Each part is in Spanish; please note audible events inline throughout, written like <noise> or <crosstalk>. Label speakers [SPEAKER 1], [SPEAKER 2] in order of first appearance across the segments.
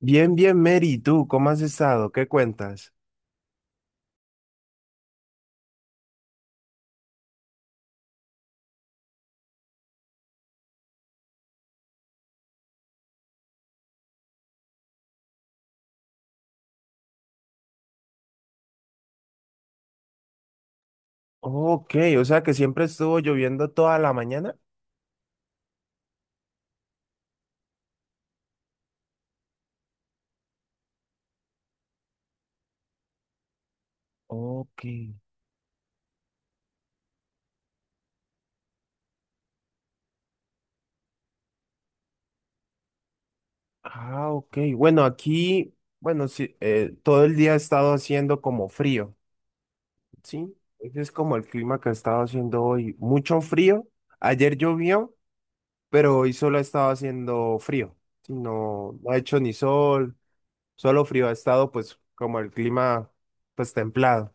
[SPEAKER 1] Bien, bien, Mary, ¿tú cómo has estado? ¿Qué cuentas? Ok, o sea que siempre estuvo lloviendo toda la mañana. Ok. Ah, ok. Bueno, aquí, bueno, sí, todo el día ha estado haciendo como frío, ¿sí? Ese es como el clima que ha estado haciendo hoy. Mucho frío. Ayer llovió, pero hoy solo ha estado haciendo frío. Sí, no, no ha hecho ni sol, solo frío. Ha estado pues como el clima pues templado.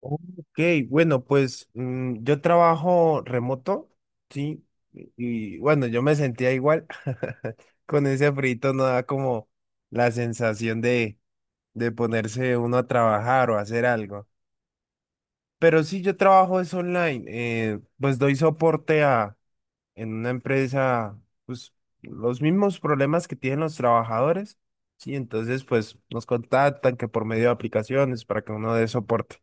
[SPEAKER 1] Ok, bueno, pues yo trabajo remoto, ¿sí? Y y bueno, yo me sentía igual. <laughs> Con ese frito no da como la sensación de ponerse uno a trabajar o hacer algo. Pero sí, yo trabajo es online. Pues doy soporte a, en una empresa, pues los mismos problemas que tienen los trabajadores, ¿sí? Entonces, pues nos contactan que por medio de aplicaciones para que uno dé soporte.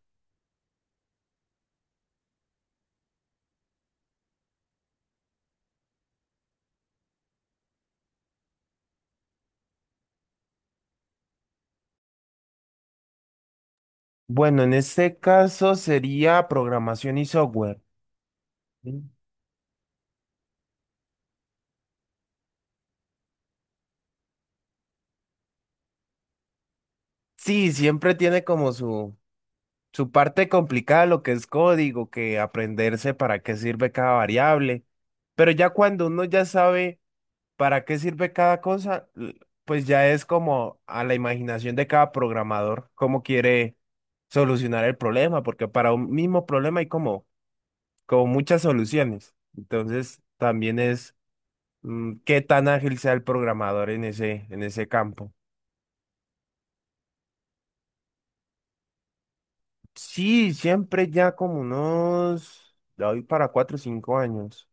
[SPEAKER 1] Bueno, en este caso sería programación y software. ¿Sí? Sí, siempre tiene como su parte complicada lo que es código, que aprenderse para qué sirve cada variable. Pero ya cuando uno ya sabe para qué sirve cada cosa, pues ya es como a la imaginación de cada programador cómo quiere solucionar el problema, porque para un mismo problema hay como, como muchas soluciones. Entonces también es qué tan ágil sea el programador en ese campo. Sí, siempre ya como unos, de hoy para cuatro o cinco años.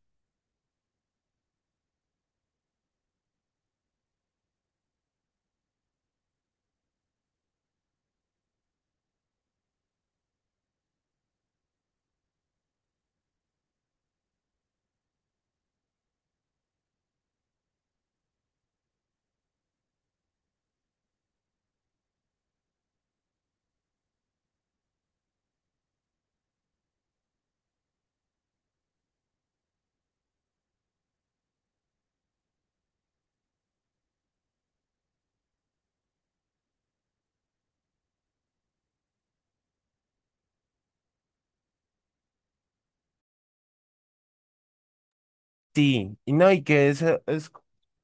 [SPEAKER 1] Sí, y no, y que eso es,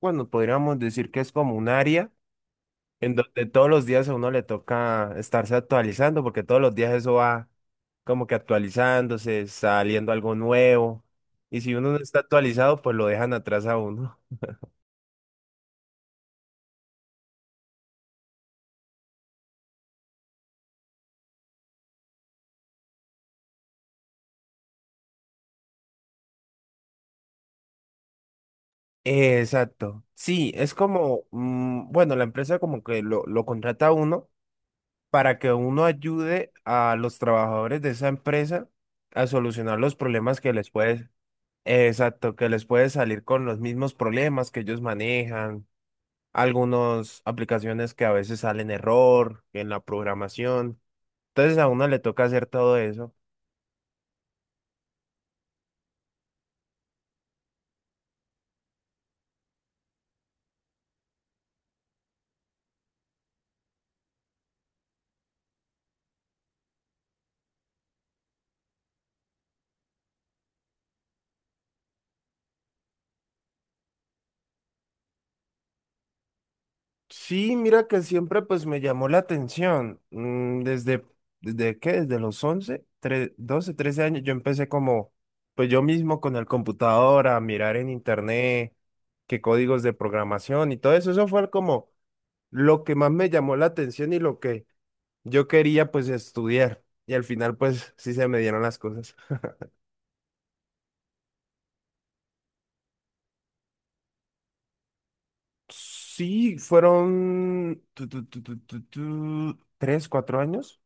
[SPEAKER 1] bueno, podríamos decir que es como un área en donde todos los días a uno le toca estarse actualizando, porque todos los días eso va como que actualizándose, saliendo algo nuevo, y si uno no está actualizado, pues lo dejan atrás a uno. Exacto. Sí, es como, bueno, la empresa como que lo contrata a uno para que uno ayude a los trabajadores de esa empresa a solucionar los problemas que les puede, exacto, que les puede salir con los mismos problemas que ellos manejan, algunas aplicaciones que a veces salen error en la programación. Entonces a uno le toca hacer todo eso. Sí, mira que siempre pues me llamó la atención. Mm, desde, ¿desde qué? Desde los 11 12 13 años yo empecé como, pues yo mismo con el computador a mirar en internet qué códigos de programación y todo eso. Eso fue como lo que más me llamó la atención y lo que yo quería pues estudiar. Y al final pues sí se me dieron las cosas. Sí, fueron tres, cuatro años.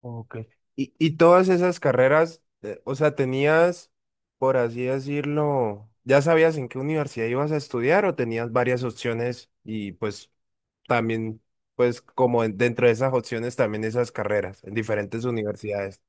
[SPEAKER 1] Ok. Y todas esas carreras, o sea, tenías, por así decirlo, ¿ya sabías en qué universidad ibas a estudiar o tenías varias opciones y pues también, pues como dentro de esas opciones también esas carreras en diferentes universidades?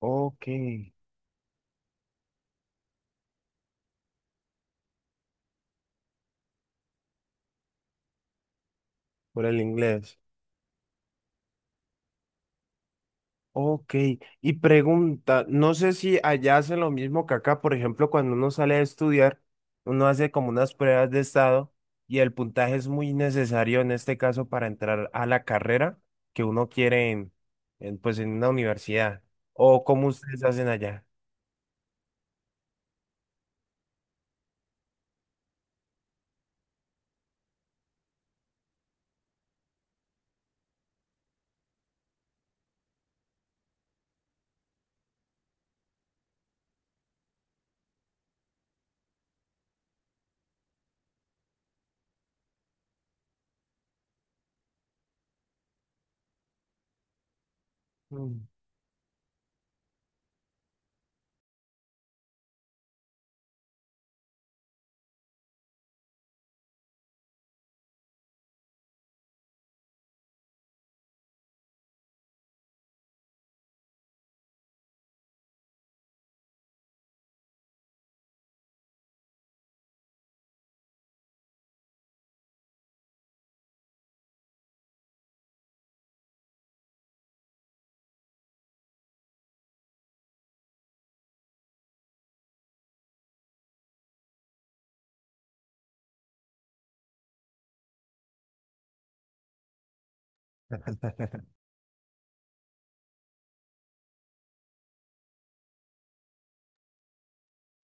[SPEAKER 1] Ok, por el inglés. Ok, y pregunta, no sé si allá hacen lo mismo que acá, por ejemplo, cuando uno sale a estudiar, uno hace como unas pruebas de estado y el puntaje es muy necesario en este caso para entrar a la carrera que uno quiere en, pues en una universidad. ¿O cómo ustedes hacen allá? Mm.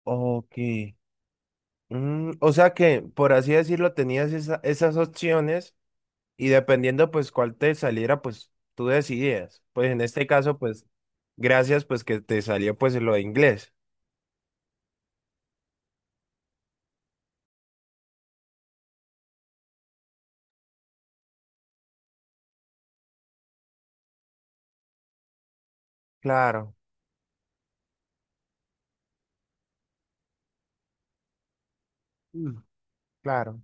[SPEAKER 1] Ok. Mm, o sea que, por así decirlo, tenías esa- esas opciones y dependiendo pues cuál te saliera, pues tú decidías. Pues en este caso, pues gracias pues que te salió pues lo de inglés. Claro, mm, claro.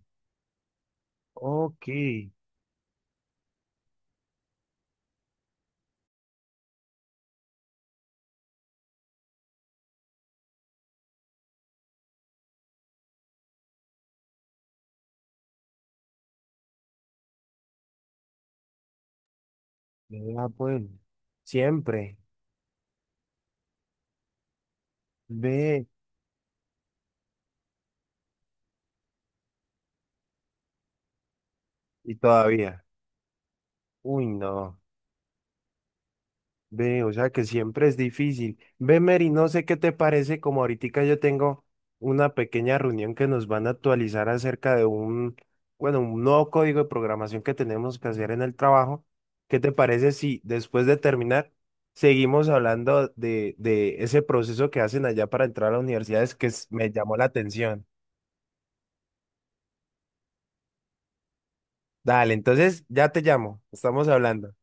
[SPEAKER 1] Ok, vea pues, siempre, ve y todavía. Uy, no. Ve, o sea que siempre es difícil. Ve, Mary, no sé qué te parece, como ahorita yo tengo una pequeña reunión que nos van a actualizar acerca de un, bueno, un nuevo código de programación que tenemos que hacer en el trabajo. ¿Qué te parece si después de terminar seguimos hablando de ese proceso que hacen allá para entrar a las universidades que me llamó la atención? Dale, entonces ya te llamo, estamos hablando.